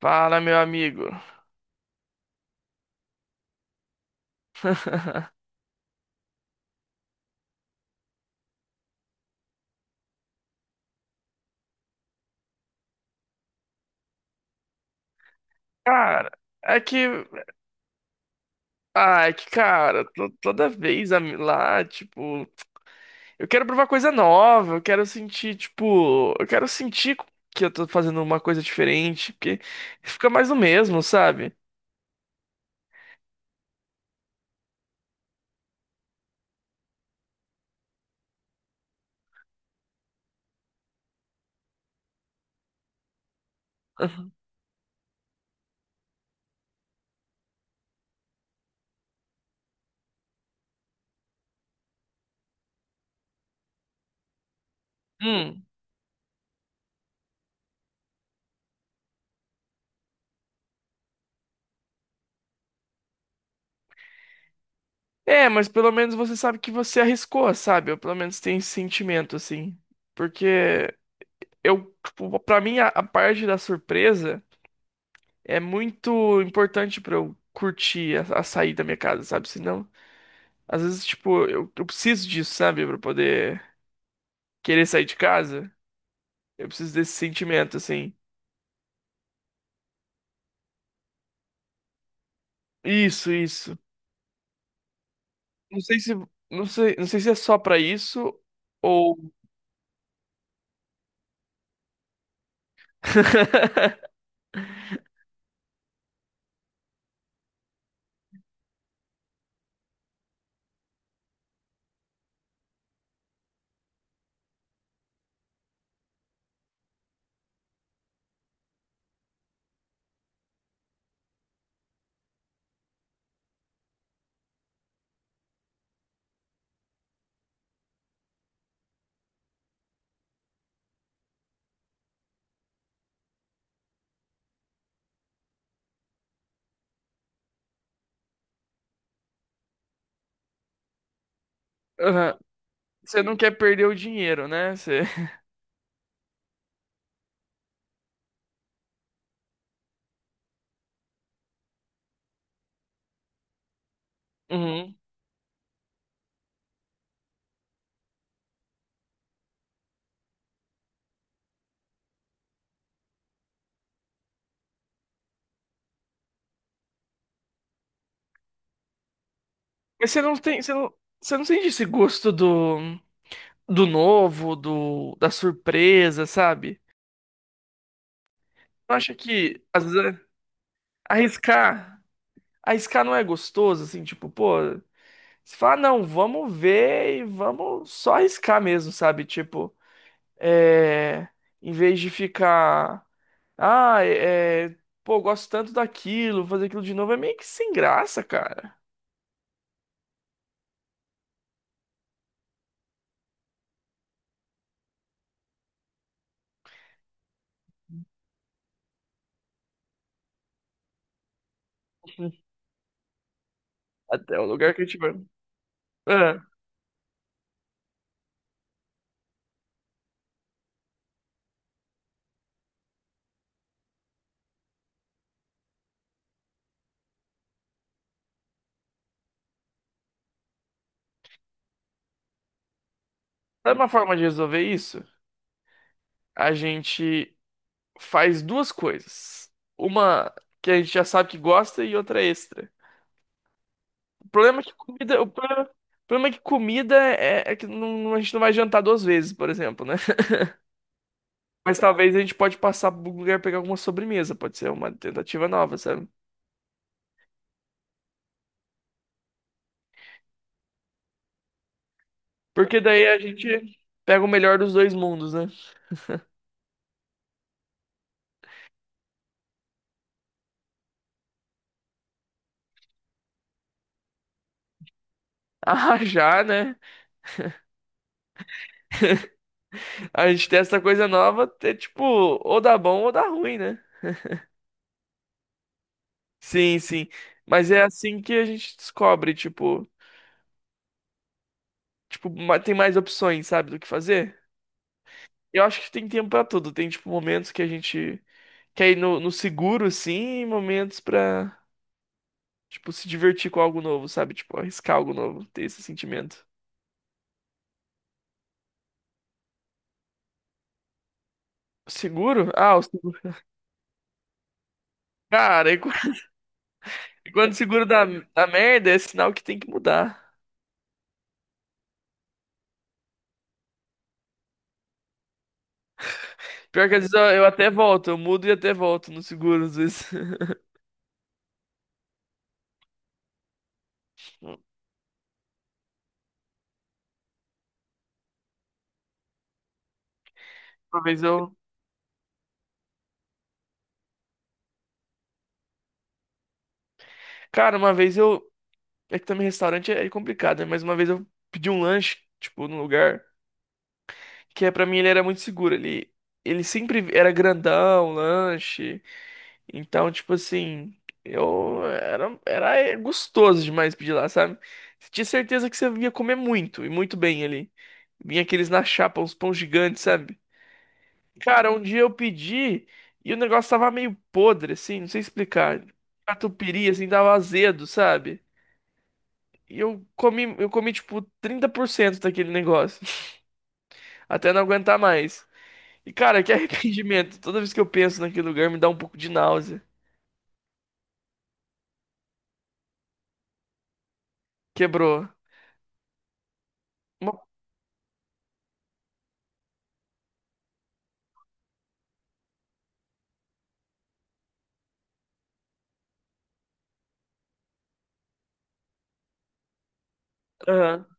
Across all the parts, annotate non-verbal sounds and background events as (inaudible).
Fala, meu amigo. (laughs) Cara, é que. Ah, é que, cara, toda vez a lá, tipo. Eu quero provar coisa nova, eu quero sentir, tipo. Eu quero sentir que eu tô fazendo uma coisa diferente, porque fica mais o mesmo, sabe? (laughs) Hum. É, mas pelo menos você sabe que você arriscou, sabe? Eu pelo menos tenho esse sentimento, assim. Porque eu, tipo, pra mim, a parte da surpresa é muito importante pra eu curtir a sair da minha casa, sabe? Senão, às vezes, tipo, eu preciso disso, sabe? Pra poder querer sair de casa. Eu preciso desse sentimento, assim. Isso, isso. Não sei se, não sei, não sei se é só pra isso ou. (laughs) Aham. Você não quer perder o dinheiro, né? Você... (laughs) Uhum. Mas você não sente esse gosto do, do novo, do, da surpresa, sabe? Não acha que, às vezes, é arriscar. A arriscar não é gostoso, assim, tipo, pô, você fala, "Ah, não, vamos ver e vamos só arriscar mesmo, sabe? Tipo, é, em vez de ficar, ah, é, é, pô, gosto tanto daquilo, fazer aquilo de novo é meio que sem graça, cara. (laughs) Até o lugar que a gente vai. Ah, sabe uma forma de resolver isso? A gente faz duas coisas. Uma que a gente já sabe que gosta e outra extra. O problema é que comida, o problema, o problema é que comida é, é que a gente não vai jantar duas vezes, por exemplo, né? (laughs) Mas talvez a gente pode passar por um lugar e pegar alguma sobremesa, pode ser uma tentativa nova, sabe? Porque daí a gente pega o melhor dos dois mundos, né? (laughs) Ah, já, né? A gente testa coisa nova, é tipo, ou dá bom ou dá ruim, né? Sim, sim. Mas é assim que a gente descobre, tipo, tipo, tem mais opções, sabe, do que fazer? Eu acho que tem tempo pra tudo. Tem, tipo, momentos que a gente quer ir no, no seguro, assim, em momentos pra, tipo, se divertir com algo novo, sabe? Tipo, arriscar algo novo, ter esse sentimento. Seguro? Ah, o seguro. Cara, e qu- (laughs) e quando o seguro dá, dá merda, é sinal que tem que mudar. Pior que às vezes eu até volto, eu mudo e até volto no seguro, às vezes. (laughs) Uma vez eu. Cara, uma vez eu. É que também restaurante é complicado, né? Mas uma vez eu pedi um lanche, tipo, num lugar que é, pra mim ele era muito seguro. Ele sempre era grandão, lanche. Então, tipo assim, era é, gostoso demais pedir lá, sabe? Você tinha certeza que você ia comer muito e muito bem ali. Vinha aqueles na chapa, uns pão gigantes, sabe? Cara, um dia eu pedi e o negócio tava meio podre, assim, não sei explicar. Catupiry, assim, tava azedo, sabe? E eu comi, tipo, 30% daquele negócio. (laughs) Até não aguentar mais. E, cara, que arrependimento. Toda vez que eu penso naquele lugar, me dá um pouco de náusea. Quebrou. Uma...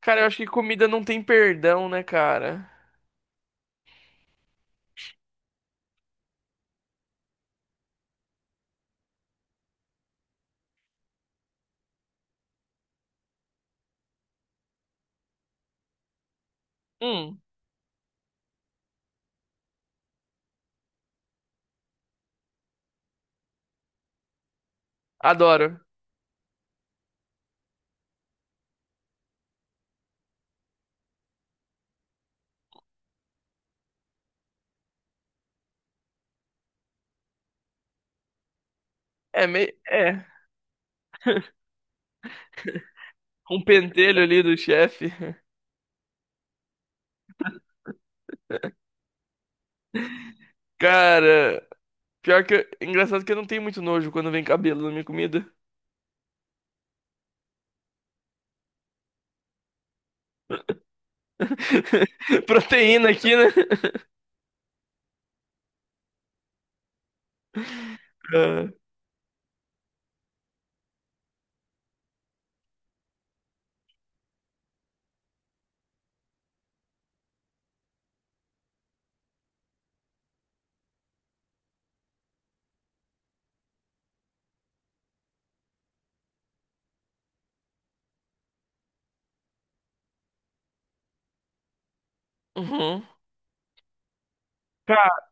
Cara, eu acho que comida não tem perdão, né, cara? Hum, adoro. É, meio. É. Um pentelho ali do chefe. (laughs) Cara, engraçado que eu não tenho muito nojo quando vem cabelo na minha comida. (laughs) Proteína aqui, né? Ah, uhum. Cara,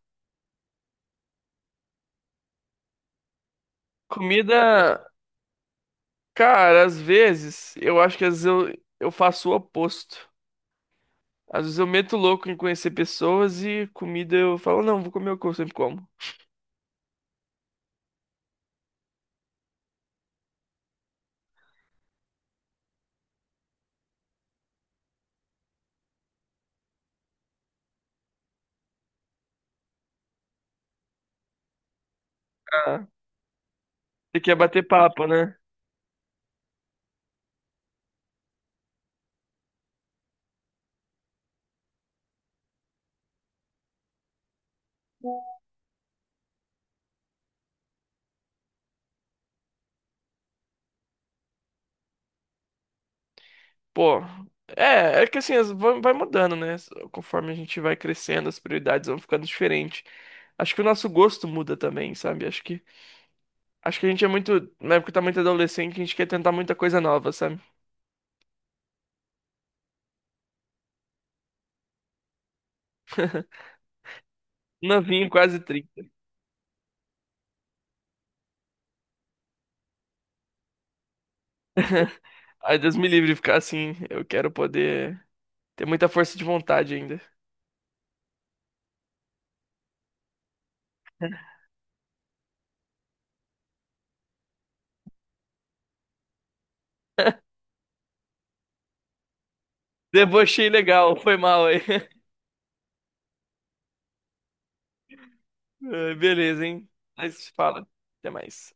comida. Cara, às vezes, eu acho que às vezes eu faço o oposto. Às vezes eu meto louco em conhecer pessoas e comida eu falo, não, vou comer o que eu sempre como. Ah, você quer bater papo, né? Pô, é, é que assim, vai mudando, né? Conforme a gente vai crescendo, as prioridades vão ficando diferentes. Acho que o nosso gosto muda também, sabe? Acho que a gente é muito. Na época tá muito adolescente, a gente quer tentar muita coisa nova, sabe? Novinho, quase 30. (laughs) Ai, Deus me livre de ficar assim. Eu quero poder ter muita força de vontade ainda. (laughs) Debochei legal, foi mal aí. (laughs) Ai, beleza, hein? Mas fala. Até mais.